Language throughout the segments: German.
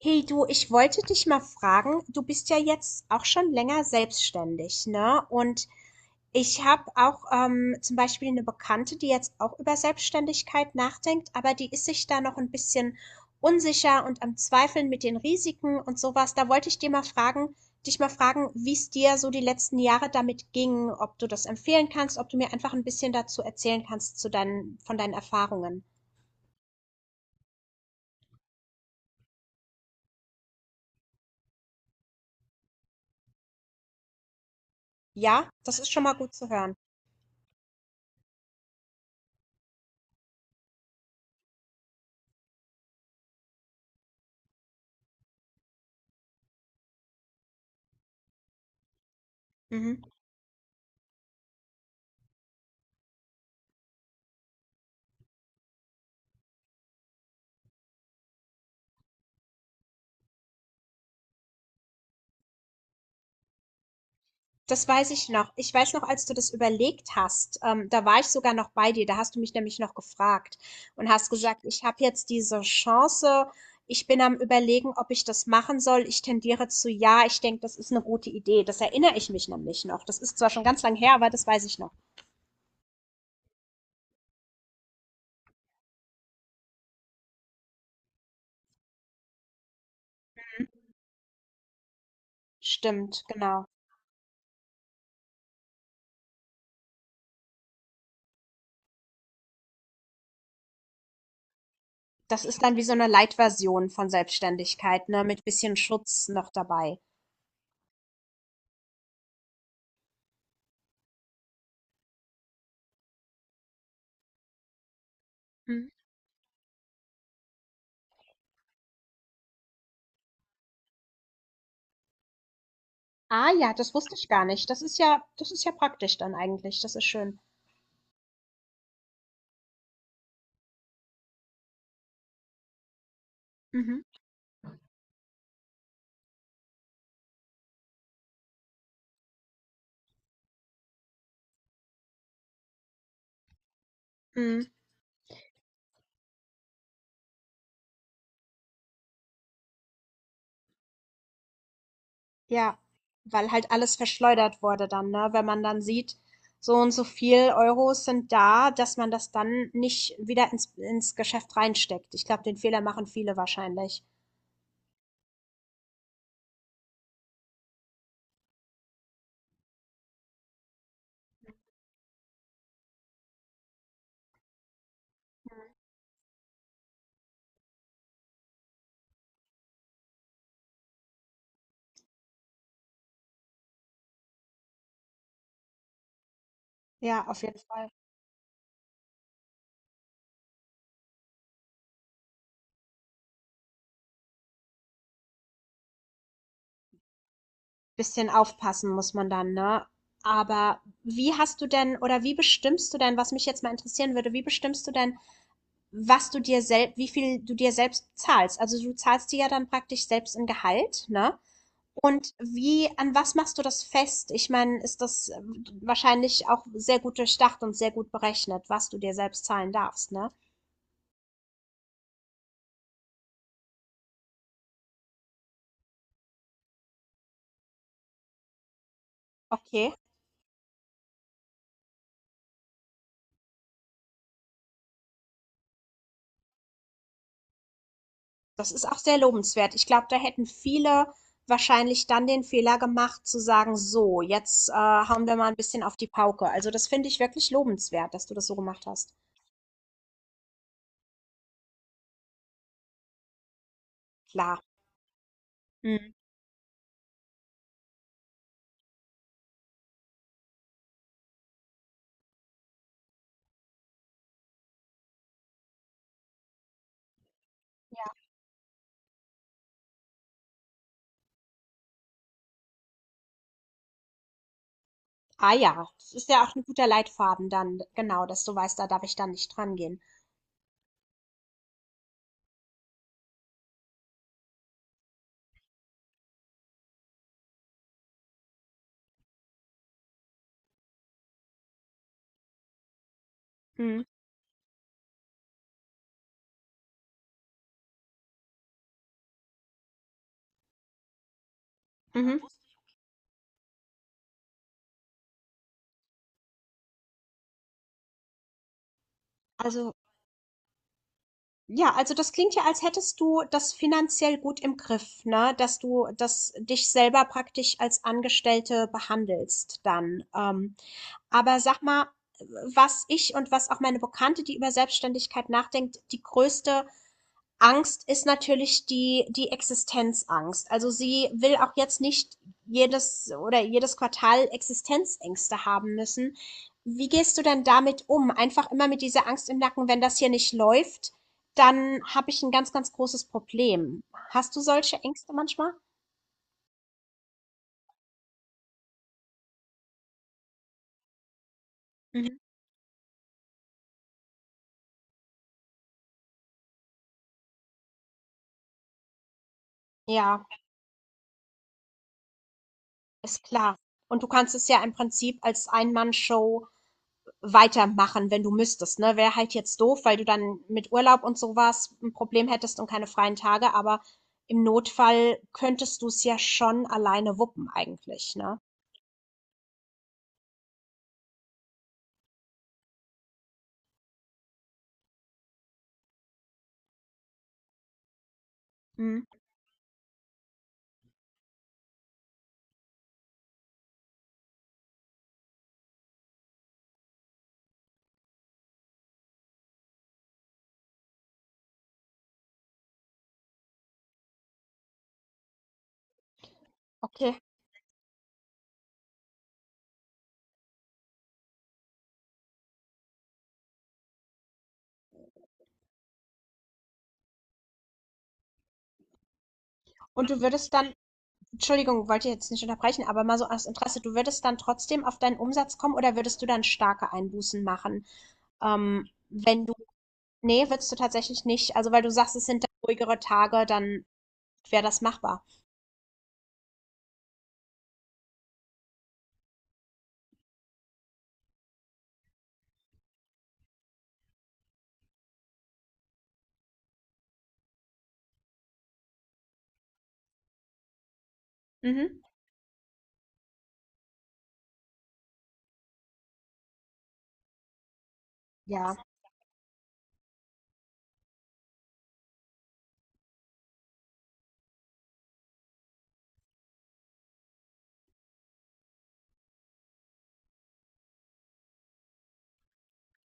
Hey du, ich wollte dich mal fragen, du bist ja jetzt auch schon länger selbstständig, ne? Und ich habe auch zum Beispiel eine Bekannte, die jetzt auch über Selbstständigkeit nachdenkt, aber die ist sich da noch ein bisschen unsicher und am Zweifeln mit den Risiken und sowas. Da wollte ich dir mal fragen, dich mal fragen, wie es dir so die letzten Jahre damit ging, ob du das empfehlen kannst, ob du mir einfach ein bisschen dazu erzählen kannst von deinen Erfahrungen. Ja, das ist schon mal gut zu hören. Mhm. Das weiß ich noch. Ich weiß noch, als du das überlegt hast, da war ich sogar noch bei dir. Da hast du mich nämlich noch gefragt und hast gesagt, ich habe jetzt diese Chance. Ich bin am Überlegen, ob ich das machen soll. Ich tendiere zu ja. Ich denke, das ist eine gute Idee. Das erinnere ich mich nämlich noch. Das ist zwar schon ganz lang her, aber das weiß ich noch. Stimmt, genau. Das ist dann wie so eine Light-Version von Selbstständigkeit, ne, mit bisschen Schutz noch dabei. Mhm. Ah ja, das wusste ich gar nicht. Das ist ja praktisch dann eigentlich. Das ist schön. Mhm. Mhm. Ja, weil halt alles verschleudert wurde dann, ne? Wenn man dann sieht, so und so viel Euros sind da, dass man das dann nicht wieder ins Geschäft reinsteckt. Ich glaube, den Fehler machen viele wahrscheinlich. Ja, auf jeden Fall. Bisschen aufpassen muss man dann, ne? Aber wie hast du denn oder wie bestimmst du denn, was mich jetzt mal interessieren würde, wie bestimmst du denn, was du dir selbst, wie viel du dir selbst zahlst? Also du zahlst dir ja dann praktisch selbst ein Gehalt, ne? Und wie, an was machst du das fest? Ich meine, ist das wahrscheinlich auch sehr gut durchdacht und sehr gut berechnet, was du dir selbst zahlen darfst, ne? Okay. Das ist auch sehr lobenswert. Ich glaube, da hätten viele wahrscheinlich dann den Fehler gemacht, zu sagen, so, jetzt hauen wir mal ein bisschen auf die Pauke. Also das finde ich wirklich lobenswert, dass du das so gemacht hast. Klar. Mhm. Ja. Ah ja, das ist ja auch ein guter Leitfaden dann, genau, dass du weißt, da darf ich dann nicht dran gehen. Mhm. Mhm. Also, ja, also das klingt ja, als hättest du das finanziell gut im Griff, ne? Dass du das dich selber praktisch als Angestellte behandelst dann. Aber sag mal, was ich und was auch meine Bekannte, die über Selbstständigkeit nachdenkt, die größte Angst ist natürlich die, die Existenzangst. Also sie will auch jetzt nicht jedes oder jedes Quartal Existenzängste haben müssen. Wie gehst du denn damit um? Einfach immer mit dieser Angst im Nacken, wenn das hier nicht läuft, dann habe ich ein ganz, ganz großes Problem. Hast du solche Ängste manchmal? Mhm. Ja, ist klar. Und du kannst es ja im Prinzip als Ein-Mann-Show weitermachen, wenn du müsstest. Ne? Wäre halt jetzt doof, weil du dann mit Urlaub und sowas ein Problem hättest und keine freien Tage, aber im Notfall könntest du es ja schon alleine wuppen eigentlich, ne? Hm, okay. Und du würdest dann, Entschuldigung, wollte ich jetzt nicht unterbrechen, aber mal so aus Interesse, du würdest dann trotzdem auf deinen Umsatz kommen oder würdest du dann starke Einbußen machen? Wenn du, nee, würdest du tatsächlich nicht, also weil du sagst, es sind dann ruhigere Tage, dann wäre das machbar. Mhm. Ja,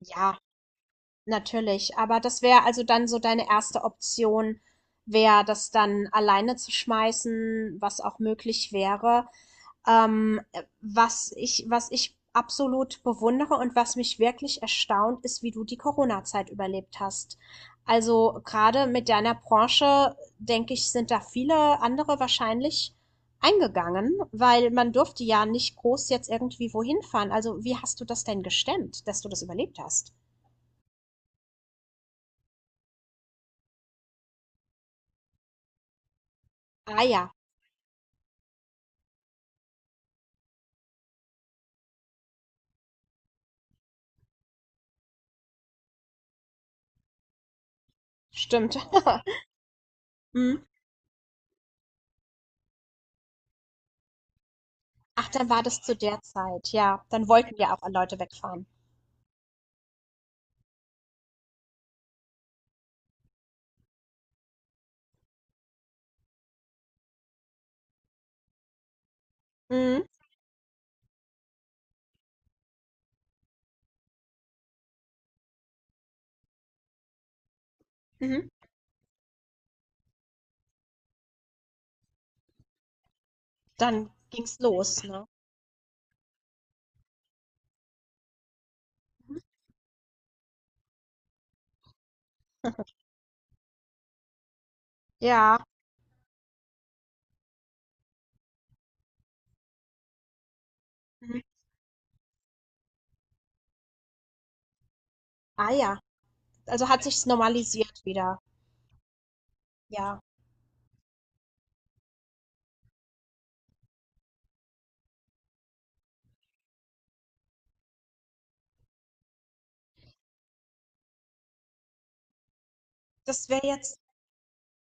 ja. Natürlich, aber das wäre also dann so deine erste Option, wäre das dann alleine zu schmeißen, was auch möglich wäre. Was ich absolut bewundere und was mich wirklich erstaunt, ist, wie du die Corona-Zeit überlebt hast. Also gerade mit deiner Branche, denke ich, sind da viele andere wahrscheinlich eingegangen, weil man durfte ja nicht groß jetzt irgendwie wohin fahren. Also wie hast du das denn gestemmt, dass du das überlebt hast? Ah ja. Stimmt. Mhm. Ach, dann war das zu der Zeit, ja. Dann wollten ja auch Leute wegfahren. Mhm. Mhm. Dann ging's los, ne? Mhm. Ja. Mhm. Ah ja. Also hat sich's normalisiert wieder. Ja. Das wäre jetzt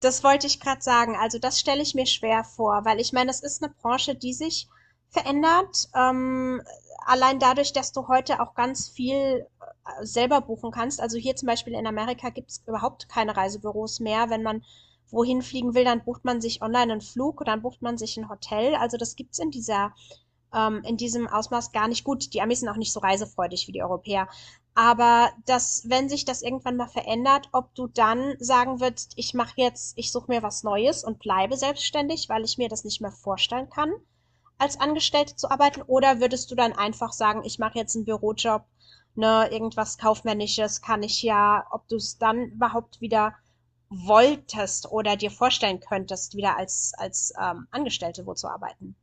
Das wollte ich gerade sagen. Also, das stelle ich mir schwer vor, weil ich meine, das ist eine Branche, die sich verändert. Allein dadurch, dass du heute auch ganz viel, selber buchen kannst. Also, hier zum Beispiel in Amerika gibt es überhaupt keine Reisebüros mehr. Wenn man wohin fliegen will, dann bucht man sich online einen Flug, dann bucht man sich ein Hotel. Also, das gibt's in dieser in diesem Ausmaß gar nicht gut. Die Amis sind auch nicht so reisefreudig wie die Europäer. Aber dass, wenn sich das irgendwann mal verändert, ob du dann sagen würdest, ich suche mir was Neues und bleibe selbstständig, weil ich mir das nicht mehr vorstellen kann, als Angestellte zu arbeiten, oder würdest du dann einfach sagen, ich mache jetzt einen Bürojob, ne, irgendwas kaufmännisches kann ich ja, ob du es dann überhaupt wieder wolltest oder dir vorstellen könntest, wieder als Angestellte wo zu arbeiten?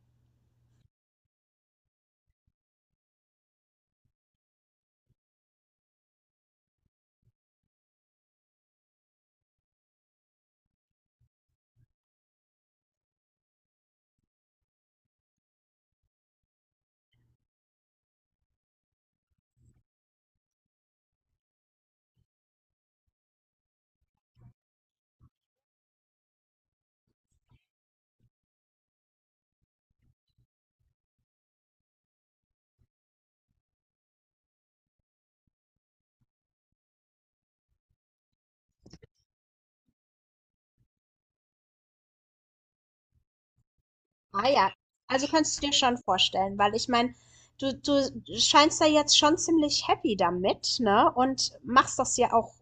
Ah ja, also kannst du dir schon vorstellen, weil ich meine, du scheinst da jetzt schon ziemlich happy damit, ne? Und machst das ja auch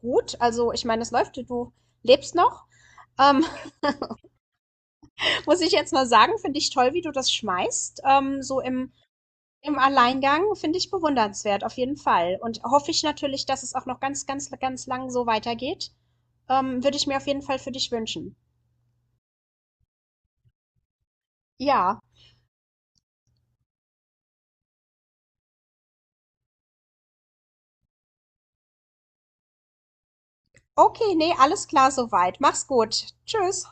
gut. Also ich meine, es läuft, du lebst noch. Ähm, muss ich jetzt mal sagen, finde ich toll, wie du das schmeißt. Im Alleingang finde ich bewundernswert, auf jeden Fall. Und hoffe ich natürlich, dass es auch noch ganz, ganz, ganz lang so weitergeht. Würde ich mir auf jeden Fall für dich wünschen. Ja. Okay, nee, alles klar soweit. Mach's gut. Tschüss.